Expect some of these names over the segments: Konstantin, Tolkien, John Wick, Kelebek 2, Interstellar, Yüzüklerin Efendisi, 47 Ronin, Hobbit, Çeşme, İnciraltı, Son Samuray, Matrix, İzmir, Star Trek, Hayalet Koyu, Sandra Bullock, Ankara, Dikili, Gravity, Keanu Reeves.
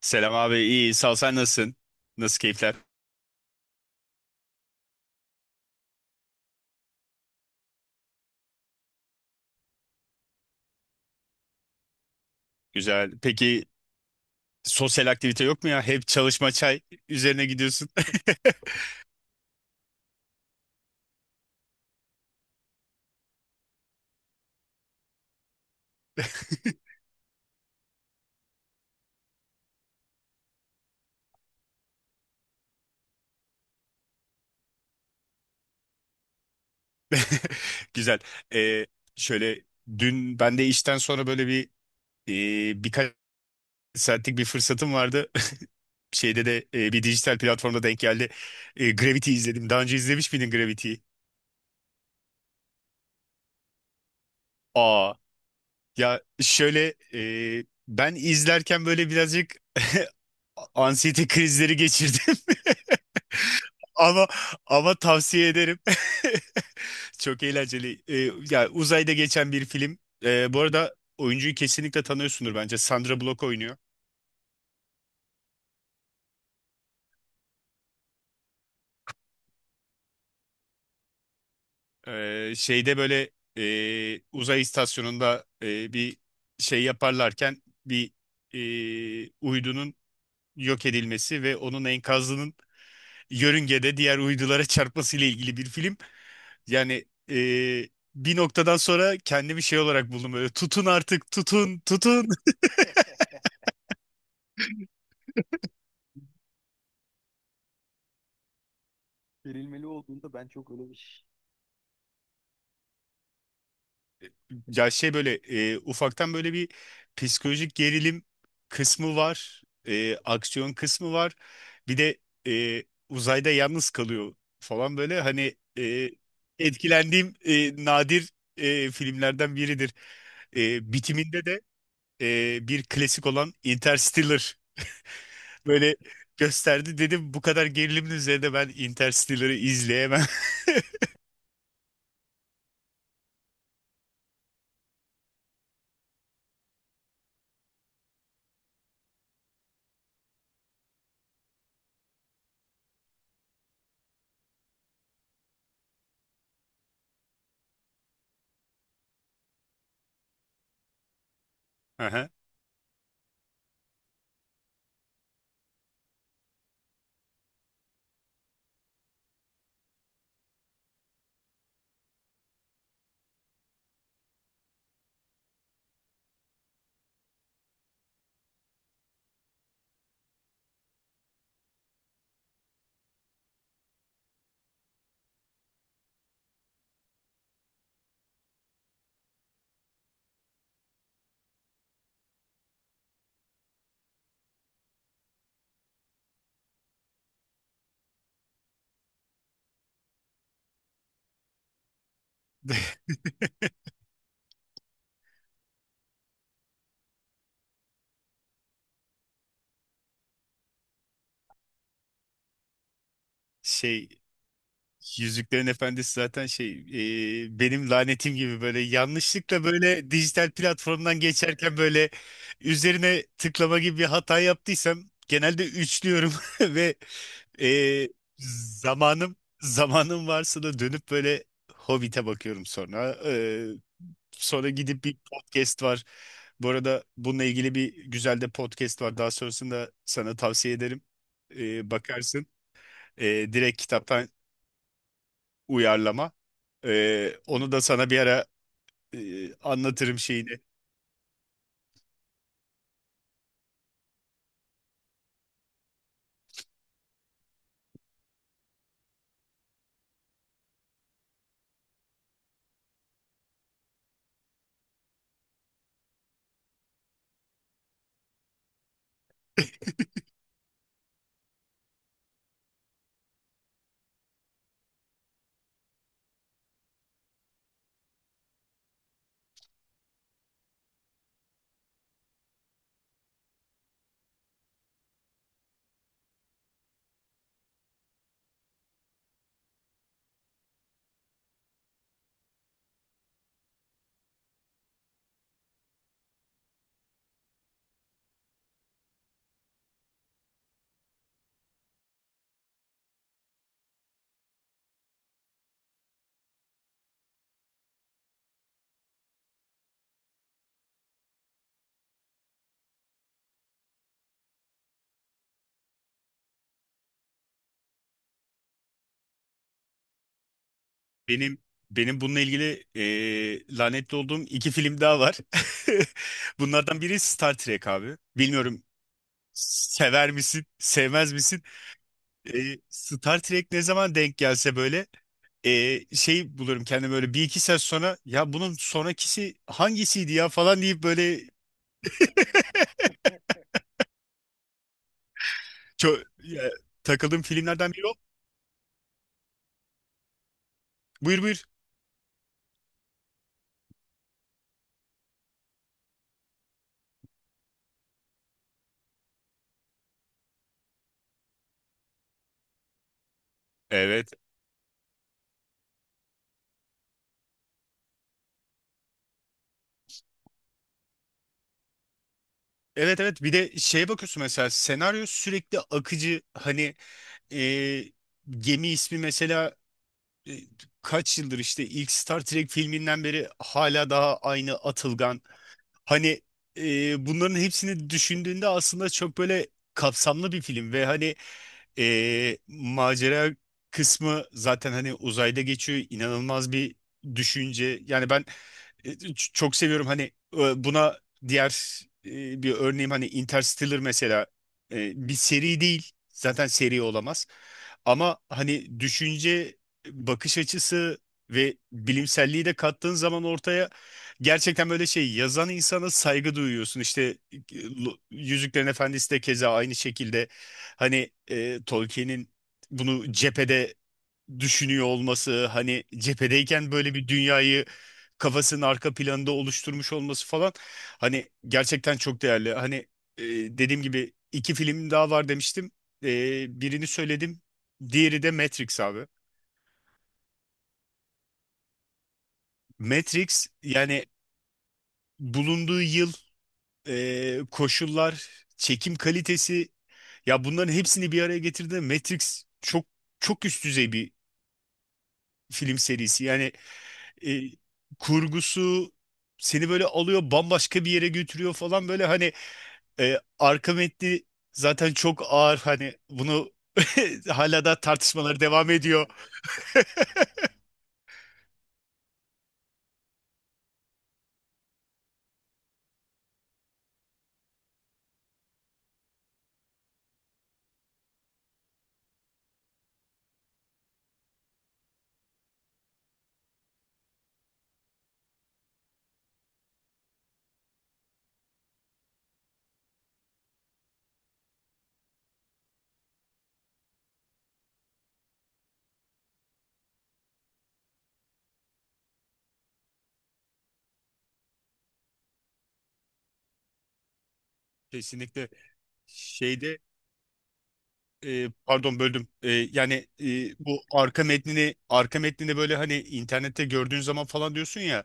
Selam abi, iyi sağ ol, sen nasılsın? Nasıl keyifler? Güzel. Peki sosyal aktivite yok mu ya? Hep çalışma çay üzerine gidiyorsun. Güzel. Ee, Şöyle dün ben de işten sonra böyle bir birkaç saatlik bir fırsatım vardı. Şeyde de bir dijital platformda denk geldi. E, Gravity izledim. Daha önce izlemiş miydin Gravity'yi? Aa, ya şöyle ben izlerken böyle birazcık anksiyete krizleri geçirdim. Ama tavsiye ederim. Çok eğlenceli. Ya uzayda geçen bir film. Bu arada oyuncuyu kesinlikle tanıyorsundur bence. Sandra Bullock oynuyor. Şeyde böyle uzay istasyonunda bir şey yaparlarken bir uydunun yok edilmesi ve onun enkazının yörüngede diğer uydulara çarpmasıyla ilgili bir film. Yani e, bir noktadan sonra kendimi şey olarak buldum böyle, tutun artık, tutun tutun. Ya şey böyle ufaktan böyle bir psikolojik gerilim kısmı var, aksiyon kısmı var. Bir de e, uzayda yalnız kalıyor falan, böyle hani etkilendiğim nadir filmlerden biridir. Bitiminde de bir klasik olan Interstellar böyle gösterdi, dedim bu kadar gerilimin üzerinde ben Interstellar'ı izleyemem. Aha. Şey, Yüzüklerin Efendisi zaten şey, benim lanetim gibi, böyle yanlışlıkla böyle dijital platformdan geçerken böyle üzerine tıklama gibi bir hata yaptıysam genelde üçlüyorum ve e, zamanım varsa da dönüp böyle Hobbit'e bakıyorum sonra. Sonra gidip bir podcast var. Bu arada bununla ilgili bir güzel de podcast var. Daha sonrasında sana tavsiye ederim. Bakarsın. Direkt kitaptan uyarlama. Onu da sana bir ara anlatırım şeyini. Benim benim bununla ilgili lanetli olduğum iki film daha var. Bunlardan biri Star Trek abi. Bilmiyorum, sever misin, sevmez misin? Star Trek ne zaman denk gelse böyle şey bulurum kendime, böyle bir iki saat sonra ya bunun sonrakisi hangisiydi ya falan deyip böyle çö- takıldığım filmlerden biri o. Buyur buyur. Evet. Evet evet, bir de şeye bakıyorsun mesela, senaryo sürekli akıcı, hani e, gemi ismi mesela e, kaç yıldır işte ilk Star Trek filminden beri hala daha aynı atılgan. Hani bunların hepsini düşündüğünde aslında çok böyle kapsamlı bir film ve hani macera kısmı zaten hani uzayda geçiyor, inanılmaz bir düşünce. Yani ben çok seviyorum hani. Buna diğer bir örneğim hani Interstellar mesela, bir seri değil, zaten seri olamaz, ama hani düşünce, bakış açısı ve bilimselliği de kattığın zaman ortaya, gerçekten böyle şey, yazan insana saygı duyuyorsun. İşte e, Yüzüklerin Efendisi de keza aynı şekilde, hani Tolkien'in bunu cephede düşünüyor olması, hani cephedeyken böyle bir dünyayı kafasının arka planında oluşturmuş olması falan, hani gerçekten çok değerli. Hani e, dediğim gibi iki film daha var demiştim. Birini söyledim, diğeri de Matrix abi. Matrix yani, bulunduğu yıl, koşullar, çekim kalitesi, ya bunların hepsini bir araya getirdiğinde Matrix çok çok üst düzey bir film serisi. Yani e, kurgusu seni böyle alıyor, bambaşka bir yere götürüyor falan, böyle hani arka metni zaten çok ağır, hani bunu hala da tartışmaları devam ediyor. Kesinlikle şeyde, pardon böldüm. Yani bu arka metnini böyle hani internette gördüğün zaman falan diyorsun ya.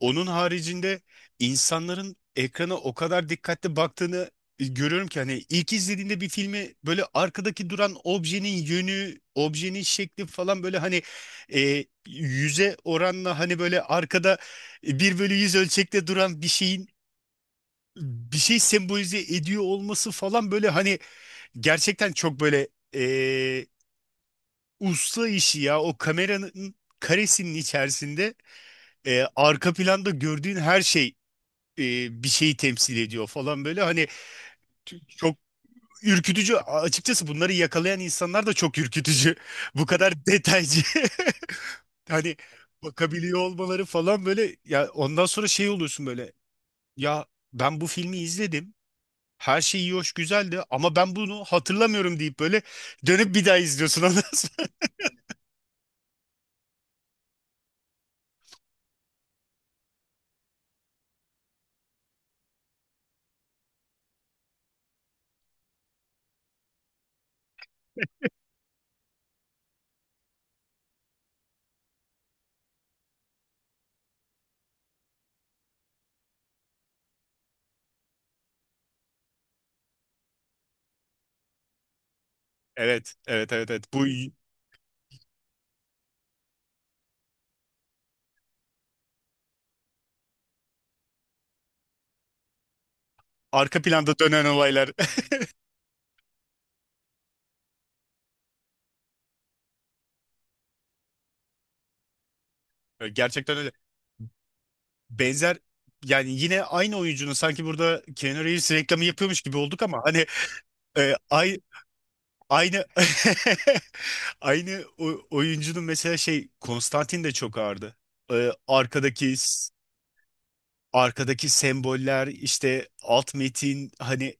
Onun haricinde insanların ekrana o kadar dikkatli baktığını görüyorum ki hani, ilk izlediğinde bir filmi böyle arkadaki duran objenin yönü, objenin şekli falan böyle hani yüze oranla, hani böyle arkada bir bölü yüz ölçekte duran bir şeyin bir şey sembolize ediyor olması falan böyle, hani gerçekten çok böyle usta işi ya. O kameranın karesinin içerisinde arka planda gördüğün her şey e, bir şeyi temsil ediyor falan böyle. Hani çok ürkütücü. Açıkçası bunları yakalayan insanlar da çok ürkütücü. Bu kadar detaycı. Hani bakabiliyor olmaları falan böyle. Ya ondan sonra şey oluyorsun böyle. Ya ben bu filmi izledim. Her şey iyi hoş güzeldi ama ben bunu hatırlamıyorum deyip böyle dönüp bir daha izliyorsun ondan sonra. Evet, evet, evet, evet. Bu arka planda dönen olaylar. Gerçekten öyle. Benzer, yani yine aynı oyuncunun, sanki burada Keanu Reeves reklamı yapıyormuş gibi olduk ama hani e, ay- aynı oyuncunun mesela şey Konstantin de çok ağırdı. E, arkadaki arkadaki semboller, işte alt metin, hani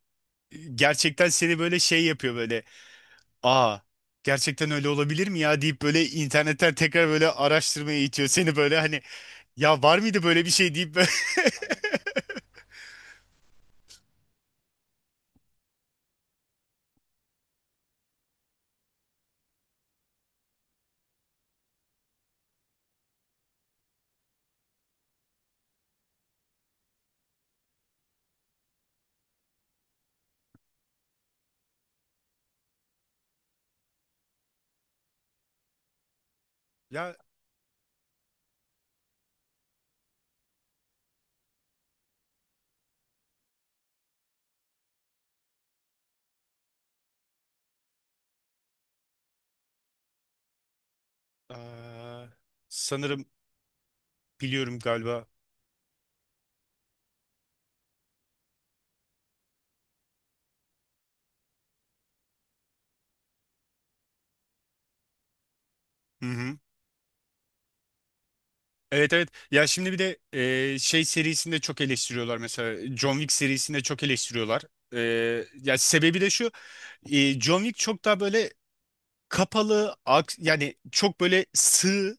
gerçekten seni böyle şey yapıyor böyle, aa gerçekten öyle olabilir mi ya deyip böyle internetten tekrar böyle araştırmaya itiyor seni, böyle hani ya var mıydı böyle bir şey deyip böyle. Ya eee, sanırım biliyorum galiba. Hı hı. Evet evet. Ya şimdi bir de şey serisinde çok eleştiriyorlar mesela. John Wick serisinde çok eleştiriyorlar. Ya sebebi de şu. John Wick çok daha böyle kapalı, yani çok böyle sığ,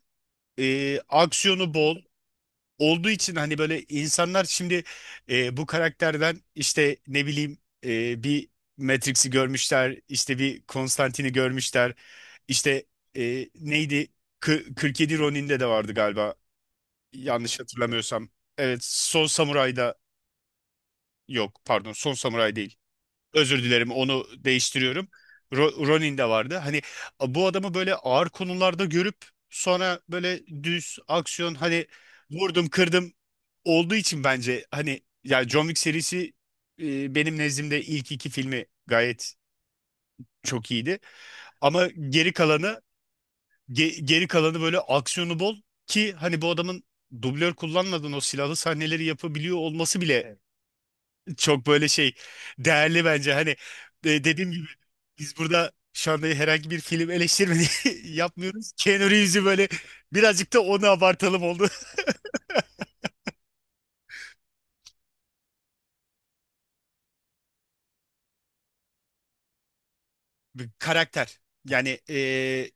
aksiyonu bol olduğu için, hani böyle insanlar şimdi bu karakterden işte, ne bileyim, bir Matrix'i görmüşler, işte bir Konstantine'i görmüşler, işte neydi, 47 Ronin'de de vardı galiba, yanlış hatırlamıyorsam. Evet, Son Samuray'da, yok pardon Son Samuray'da. Özür dilerim, onu değiştiriyorum. Ronin de vardı. Hani bu adamı böyle ağır konularda görüp sonra böyle düz aksiyon, hani vurdum kırdım olduğu için, bence hani ya John Wick serisi benim nezdimde ilk iki filmi gayet çok iyiydi. Ama geri kalanı, geri kalanı böyle aksiyonu bol, ki hani bu adamın dublör kullanmadan o silahlı sahneleri yapabiliyor olması bile çok böyle şey, değerli bence. Hani dediğim gibi biz burada şu anda herhangi bir film eleştirmeni yapmıyoruz. Keanu Reeves'i böyle birazcık da onu abartalım oldu. Bir karakter. Yani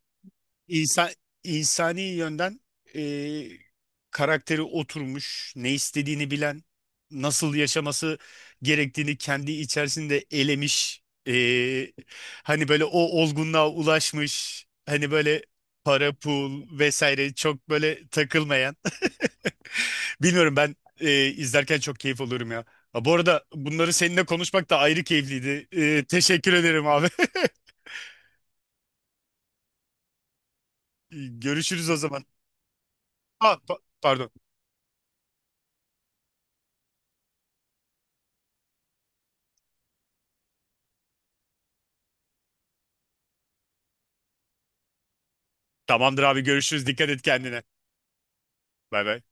İnsan, insani yönden e, karakteri oturmuş, ne istediğini bilen, nasıl yaşaması gerektiğini kendi içerisinde elemiş, e, hani böyle o olgunluğa ulaşmış, hani böyle para, pul vesaire çok böyle takılmayan. Bilmiyorum, ben izlerken çok keyif alıyorum ya. Ha, bu arada bunları seninle konuşmak da ayrı keyifliydi. Teşekkür ederim abi. Görüşürüz o zaman. Ha, pardon. Tamamdır abi, görüşürüz. Dikkat et kendine. Bay bay.